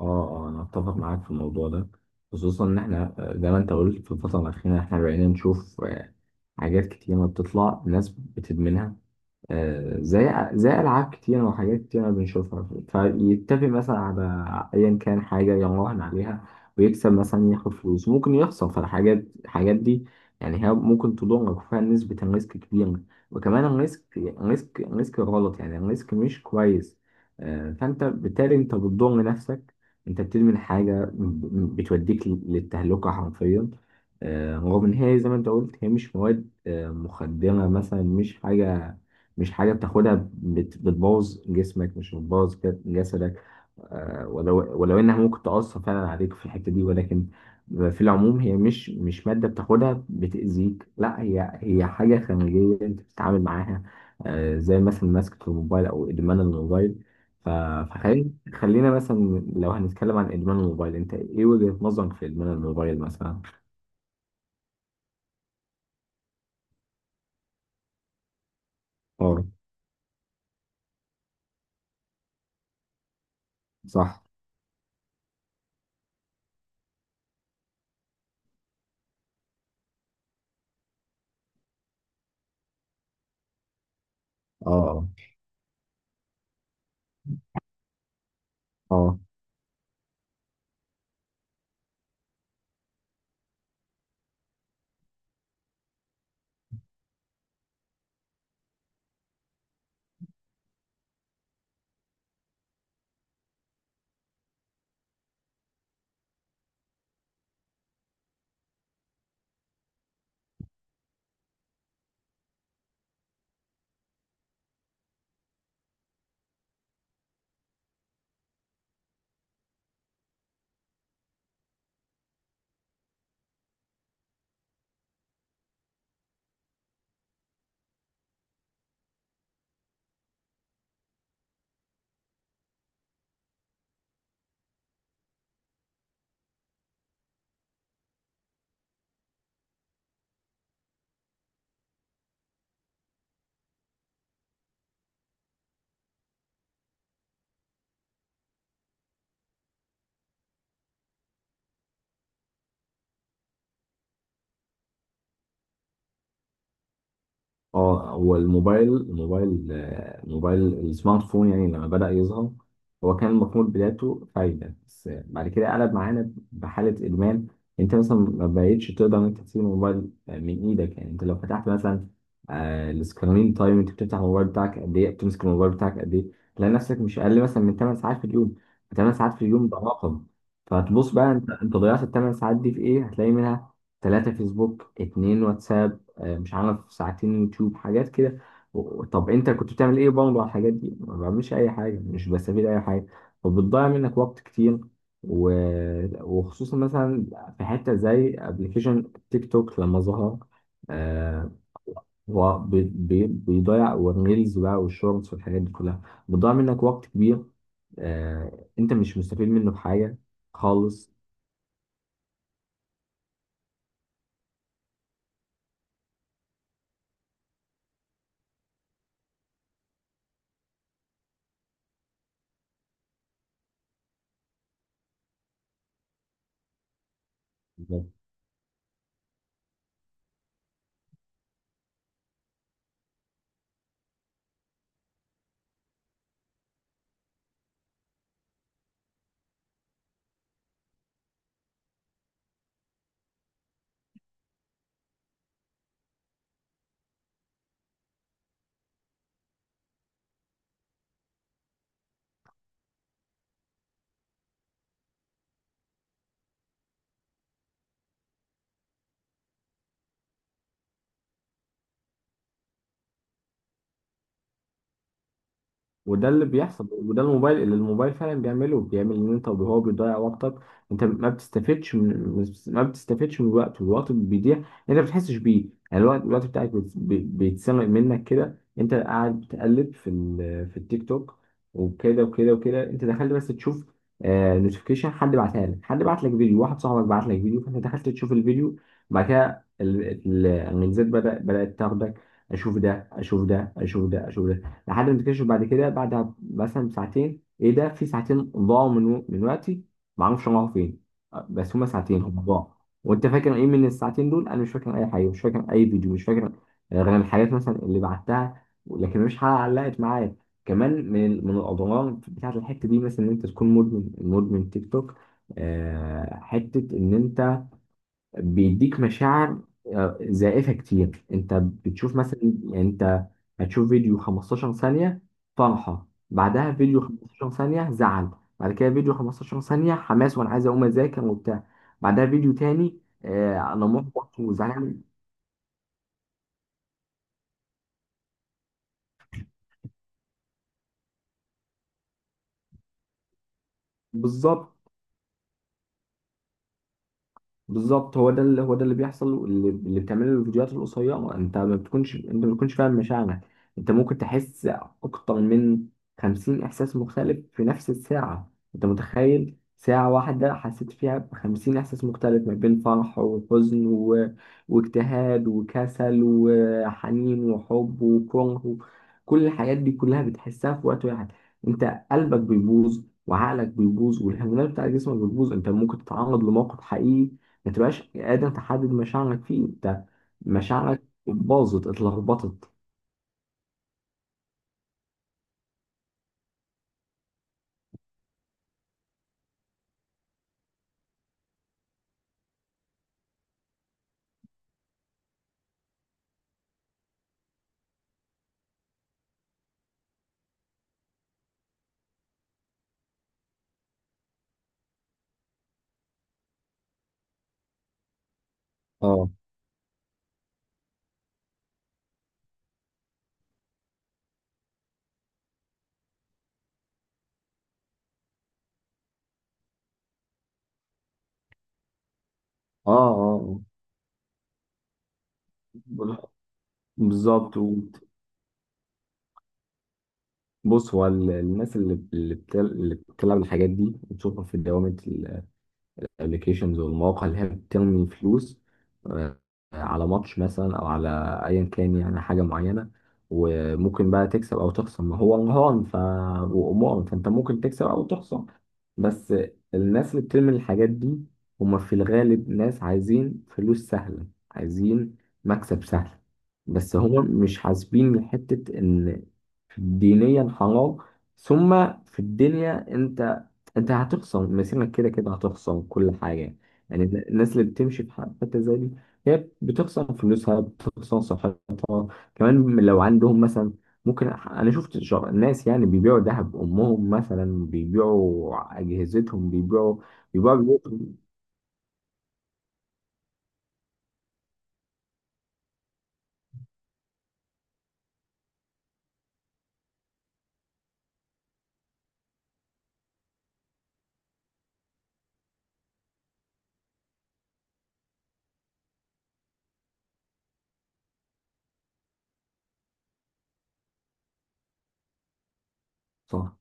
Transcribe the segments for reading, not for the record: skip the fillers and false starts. اه، اه، انا اتفق معاك في الموضوع ده. خصوصا ان احنا زي ما انت قلت في الفتره الاخيره، احنا بقينا نشوف حاجات كتير ما بتطلع ناس بتدمنها، زي ألعاب كتيرة وحاجات كتيرة بنشوفها. فيتفق مثلا على أيا كان حاجة يراهن عليها ويكسب، مثلا ياخد فلوس، ممكن يخسر، فالحاجات دي يعني هي ممكن تضرك وفيها نسبة الريسك كبيرة، وكمان الريسك غلط، يعني الريسك مش كويس. فأنت بالتالي أنت بتضر نفسك، أنت بتدمن حاجة بتوديك للتهلكة حرفيا. رغم إن هي زي ما أنت قلت هي مش مواد مخدرة مثلا، مش حاجة بتاخدها بتبوظ جسمك، مش بتبوظ جسدك. ولو انها ممكن تأثر فعلا عليك في الحتة دي، ولكن في العموم هي مش مادة بتاخدها بتأذيك، لا هي هي حاجة خارجية انت بتتعامل معاها، زي مثلا مسكة الموبايل او ادمان الموبايل. ف- فخلينا مثلا، لو هنتكلم عن ادمان الموبايل، انت ايه وجهة نظرك في ادمان الموبايل مثلا؟ اه. صح. اه. اه. آه. اه، هو الموبايل السمارت فون يعني لما بدأ يظهر، هو كان المفروض بدايته فايدة، بس بعد كده قلب معانا بحالة إدمان. أنت مثلا ما بقتش تقدر إن أنت تسيب الموبايل من إيدك. يعني أنت لو فتحت مثلا السكرين تايم، أنت بتفتح الموبايل بتاعك قد إيه، بتمسك الموبايل بتاعك قد إيه، تلاقي نفسك مش أقل مثلا من 8 ساعات في اليوم. 8 ساعات في اليوم ده رقم. فتبص بقى أنت ضيعت ال 8 ساعات دي في إيه، هتلاقي منها 3 فيسبوك، 2 واتساب، مش عارف ساعتين يوتيوب، حاجات كده. طب انت كنت بتعمل ايه برضه على الحاجات دي؟ ما بعملش اي حاجه، مش بستفيد اي حاجه، وبتضيع منك وقت كتير، و... وخصوصا مثلا في حته زي ابلكيشن تيك توك لما ظهر. آه هو بيضيع، والريلز بقى والشورتس والحاجات دي كلها بتضيع منك وقت كبير، انت مش مستفيد منه بحاجه خالص. وده اللي بيحصل، وده الموبايل فعلا بيعمله، بيعمل ان انت هو بيضيع وقتك. انت ما بتستفدش من الوقت، والوقت بيضيع انت ما بتحسش بيه. يعني الوقت بتاعك بيتسرق منك كده، انت قاعد بتقلب في في التيك توك، وكده وكده وكده انت دخلت بس تشوف، نوتيفيكيشن، حد بعتها لك، حد بعت لك فيديو، واحد صاحبك بعت لك فيديو، فانت دخلت تشوف الفيديو. بعد كده الميزات بدأت تاخدك، اشوف ده اشوف ده اشوف ده اشوف ده، لحد ما تكتشف بعد كده، بعد مثلا ساعتين، ايه ده، في ساعتين ضاعوا من وقتي، ما اعرفش راحوا فين. بس هما ساعتين هما ضاعوا. وانت فاكر ايه من الساعتين دول؟ انا مش فاكر اي حاجه، مش فاكر اي فيديو، مش فاكر غير الحاجات مثلا اللي بعتها، لكن مفيش حاجه علقت معايا. كمان من الاضرار بتاعت الحته دي، مثلا ان انت تكون مدمن تيك توك. حته ان انت بيديك مشاعر زائفة كتير، انت بتشوف مثلا، يعني انت هتشوف فيديو 15 ثانية فرحة، بعدها فيديو 15 ثانية زعل، بعد كده فيديو 15 ثانية حماس وانا عايز اقوم اذاكر وبتاع، بعدها فيديو تاني انا محبط وزعلان. بالظبط، بالظبط. هو ده اللي بيحصل، اللي بتعمله الفيديوهات القصيره، انت ما بتكونش فاهم مشاعرك. انت ممكن تحس اكتر من 50 احساس مختلف في نفس الساعه. انت متخيل ساعه واحده حسيت فيها ب 50 احساس مختلف، ما بين فرح وحزن واجتهاد وكسل وحنين وحب وكره كل الحاجات دي كلها بتحسها في وقت واحد. انت قلبك بيبوظ وعقلك بيبوظ والهرمونات بتاع جسمك بتبوظ. انت ممكن تتعرض لموقف حقيقي ما تبقاش قادر تحدد مشاعرك فيه. انت مشاعرك باظت اتلخبطت. اه. اه. اه. آه. بالظبط. بص، هو الناس اللي بتلعب الحاجات دي بتشوفها في دوامة، الابلكيشنز والمواقع اللي هي بترمي فلوس آه، على ماتش مثلا، او على ايا كان، يعني حاجه معينه، وممكن بقى تكسب او تخسر، ما هو رهان. وامور، فانت ممكن تكسب او تخسر. بس الناس اللي بترمي الحاجات دي هما في الغالب ناس عايزين فلوس سهله، عايزين مكسب سهل، بس هما مش حاسبين حته ان دينيا حرام، ثم في الدنيا انت هتخصم مسيرك، كده كده هتخصم كل حاجة. يعني الناس اللي بتمشي في حتة زي دي هي بتخصم فلوسها، بتخصم صحتها كمان. لو عندهم مثلا، ممكن، انا شفت ناس يعني بيبيعوا ذهب امهم مثلا، بيبيعوا اجهزتهم، بيبيعوا بيوتهم. صح.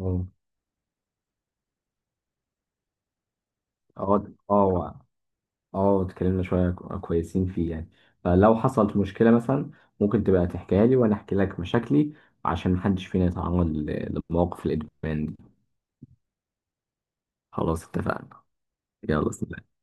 اه. اه. اه. اه. اتكلمنا شوية كويسين فيه يعني، فلو حصلت مشكلة مثلا، ممكن تبقى تحكيها لي وانا احكي لك مشاكلي عشان محدش فينا يتعرض لمواقف الادمان دي. خلاص، اتفقنا. يلا سلام.